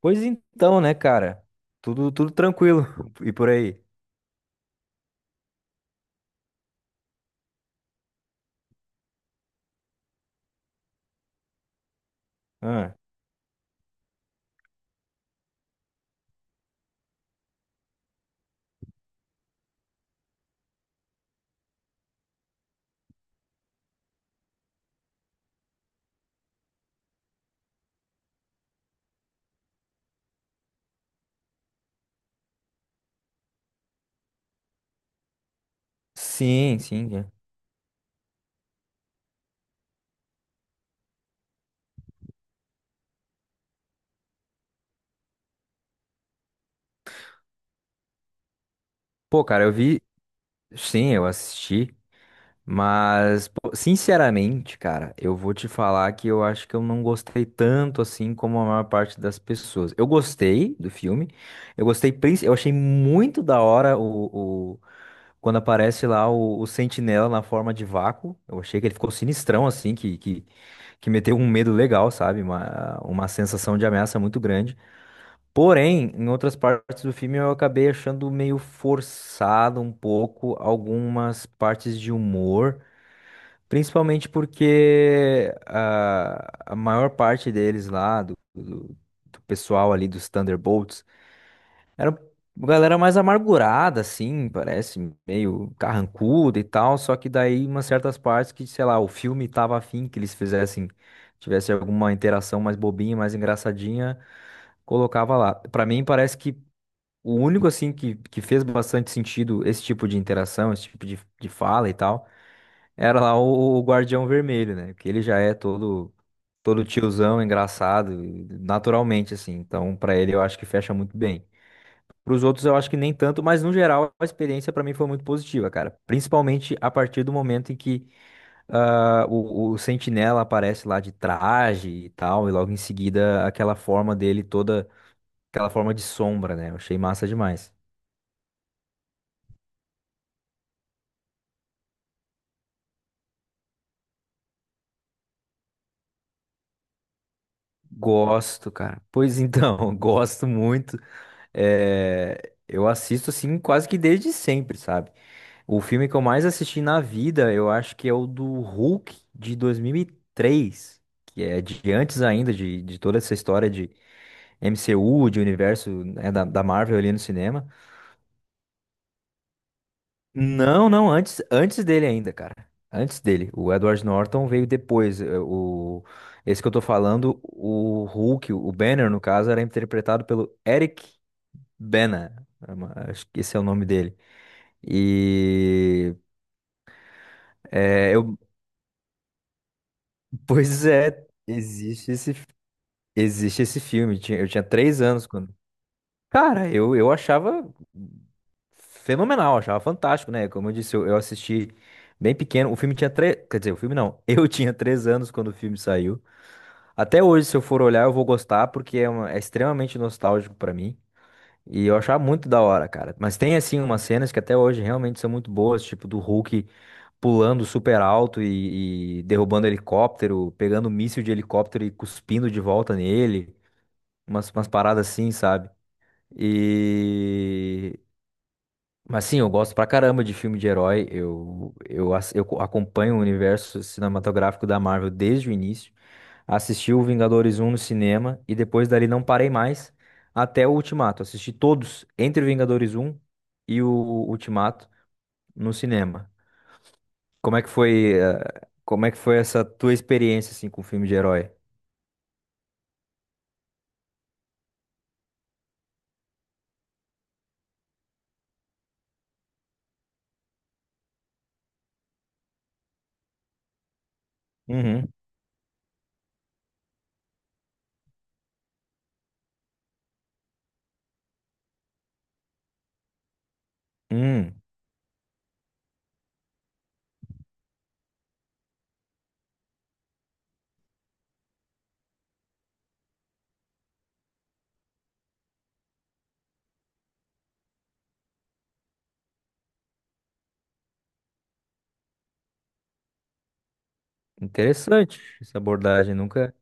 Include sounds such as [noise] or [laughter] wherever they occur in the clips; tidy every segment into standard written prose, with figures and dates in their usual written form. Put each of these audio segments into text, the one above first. Pois então, né, cara? Tudo tranquilo. [laughs] E por aí? Ah, sim, sim. É. Pô, cara, eu vi. Sim, eu assisti. Mas, pô, sinceramente, cara, eu vou te falar que eu acho que eu não gostei tanto assim como a maior parte das pessoas. Eu gostei do filme. Eu gostei, eu achei muito da hora quando aparece lá o Sentinela na forma de vácuo. Eu achei que ele ficou sinistrão assim, que meteu um medo legal, sabe? Uma sensação de ameaça muito grande. Porém, em outras partes do filme eu acabei achando meio forçado um pouco algumas partes de humor, principalmente porque a maior parte deles lá, do pessoal ali dos Thunderbolts, era uma galera mais amargurada, assim, parece, meio carrancuda e tal. Só que daí, umas certas partes que, sei lá, o filme tava afim que eles fizessem, tivesse alguma interação mais bobinha, mais engraçadinha, colocava lá. Pra mim, parece que o único, assim, que fez bastante sentido esse tipo de interação, esse tipo de fala e tal, era lá o Guardião Vermelho, né? Que ele já é todo. Todo tiozão, engraçado, naturalmente, assim. Então, pra ele, eu acho que fecha muito bem. Para os outros, eu acho que nem tanto, mas no geral a experiência para mim foi muito positiva, cara. Principalmente a partir do momento em que o Sentinela aparece lá de traje e tal, e logo em seguida aquela forma dele toda, aquela forma de sombra, né? Eu achei massa demais. Gosto, cara. Pois então, [laughs] gosto muito. É, eu assisto assim quase que desde sempre, sabe? O filme que eu mais assisti na vida, eu acho que é o do Hulk de 2003, que é de antes ainda de toda essa história de MCU, de universo, né, da, da Marvel ali no cinema. Não, não, antes, antes dele ainda, cara. Antes dele. O Edward Norton veio depois. Esse que eu tô falando, o Hulk, o Banner, no caso, era interpretado pelo Eric Bana. Acho que esse é o nome dele. E pois é, existe esse filme. Eu tinha três anos quando. Cara, eu achava fenomenal, achava fantástico, né? Como eu disse, eu assisti bem pequeno. O filme tinha três. Quer dizer, o filme não. [laughs] Eu tinha três anos quando o filme saiu. Até hoje, se eu for olhar, eu vou gostar, porque é, é extremamente nostálgico pra mim. E eu achava muito da hora, cara. Mas tem, assim, umas cenas que até hoje realmente são muito boas, tipo do Hulk pulando super alto e derrubando helicóptero, pegando um míssil de helicóptero e cuspindo de volta nele. Umas paradas assim, sabe? E. Mas sim, eu gosto pra caramba de filme de herói. Eu acompanho o universo cinematográfico da Marvel desde o início. Assisti o Vingadores um no cinema e depois dali não parei mais até o Ultimato. Assisti todos entre o Vingadores um e o Ultimato no cinema. Como é que foi, como é que foi essa tua experiência assim com filme de herói? Uhum. Hum, interessante essa abordagem, nunca.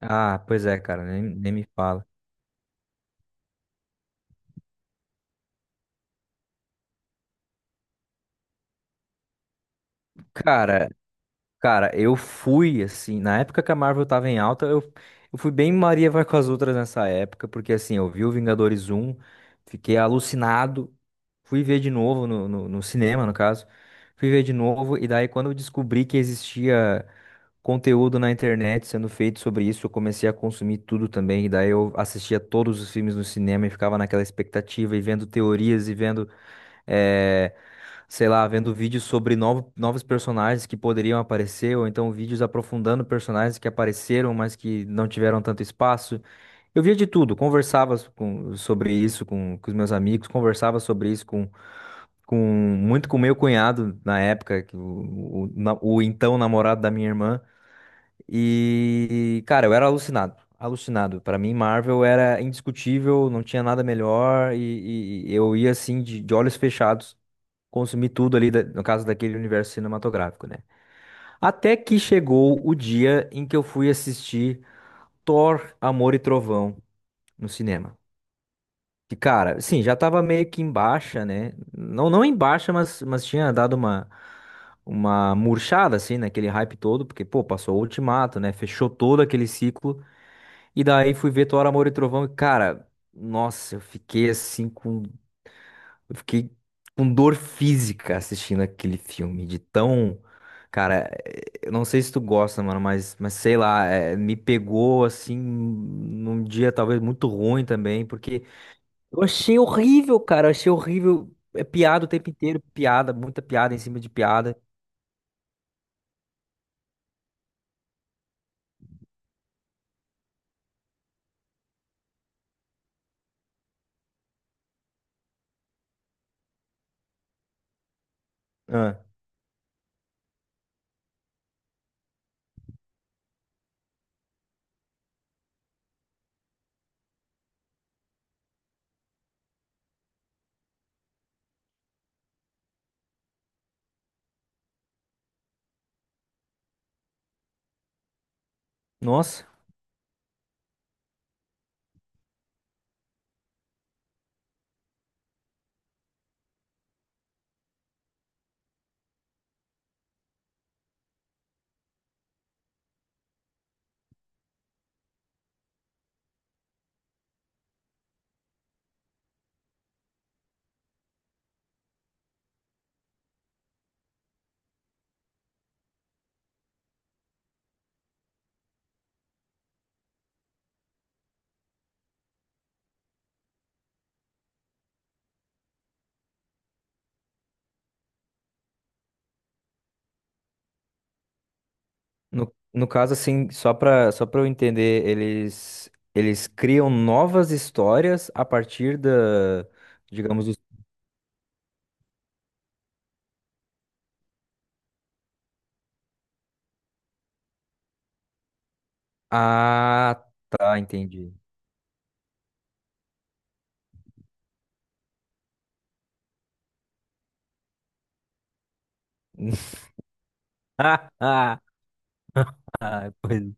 Ah, pois é, cara, nem, nem me fala. Cara, Cara, eu fui, assim, na época que a Marvel tava em alta, eu fui bem Maria vai com as outras nessa época, porque assim, eu vi o Vingadores um, fiquei alucinado, fui ver de novo no cinema, no caso, fui ver de novo, e daí quando eu descobri que existia conteúdo na internet sendo feito sobre isso, eu comecei a consumir tudo também, e daí eu assistia todos os filmes no cinema e ficava naquela expectativa, e vendo teorias, e vendo é, sei lá, vendo vídeos sobre novos personagens que poderiam aparecer, ou então vídeos aprofundando personagens que apareceram, mas que não tiveram tanto espaço. Eu via de tudo, conversava sobre isso com os meus amigos, conversava sobre isso com muito com meu cunhado na época, que o então namorado da minha irmã. E, cara, eu era alucinado, alucinado. Pra mim, Marvel era indiscutível, não tinha nada melhor, e eu ia assim de olhos fechados consumi tudo ali, no caso daquele universo cinematográfico, né? Até que chegou o dia em que eu fui assistir Thor, Amor e Trovão no cinema. E, cara, sim, já tava meio que em baixa, né? Não, não em baixa, mas tinha dado uma murchada, assim, naquele hype todo, porque, pô, passou o Ultimato, né? Fechou todo aquele ciclo. E daí fui ver Thor, Amor e Trovão e, cara, nossa, eu fiquei assim com. Eu fiquei com dor física assistindo aquele filme, de tão. Cara, eu não sei se tu gosta, mano, mas sei lá, é, me pegou assim num dia talvez muito ruim também, porque eu achei horrível, cara, eu achei horrível. É piada o tempo inteiro, piada, muita piada em cima de piada. Ah, nossa, no, no caso assim, só pra eu entender, eles criam novas histórias a partir da, digamos, Ah, tá, entendi. [laughs] Ah, pois-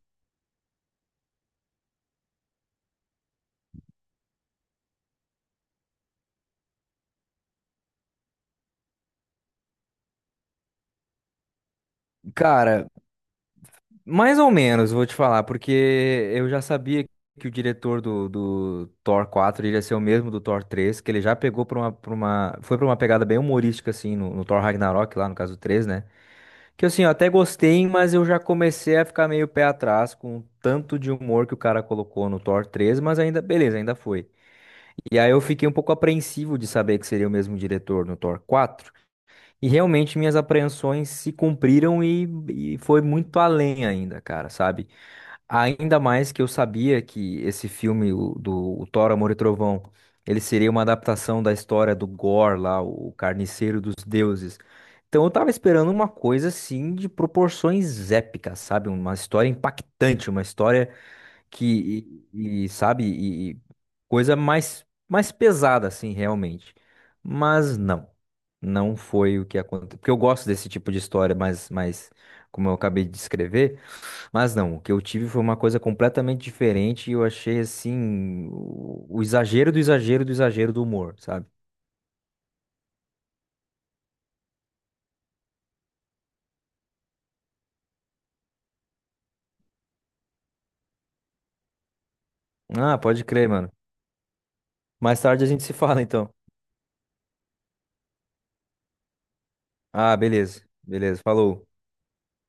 Cara, mais ou menos, vou te falar, porque eu já sabia que o diretor do Thor 4 iria ser o mesmo do Thor 3, que ele já pegou foi pra uma pegada bem humorística, assim, no Thor Ragnarok, lá no caso 3, né? Que assim, eu até gostei, mas eu já comecei a ficar meio pé atrás com o tanto de humor que o cara colocou no Thor 3, mas ainda, beleza, ainda foi. E aí eu fiquei um pouco apreensivo de saber que seria o mesmo diretor no Thor 4. E realmente minhas apreensões se cumpriram e foi muito além ainda, cara, sabe? Ainda mais que eu sabia que esse filme o- do o Thor, Amor e Trovão, ele seria uma adaptação da história do Gore lá, o Carniceiro dos Deuses. Então eu tava esperando uma coisa assim de proporções épicas, sabe? Uma história impactante, uma história que sabe e coisa mais mais pesada assim realmente, mas não, não foi o que aconteceu, porque eu gosto desse tipo de história, mas mais como eu acabei de descrever. Mas não, o que eu tive foi uma coisa completamente diferente e eu achei assim o exagero do exagero do exagero do humor, sabe? Ah, pode crer, mano. Mais tarde a gente se fala, então. Ah, beleza, beleza, falou.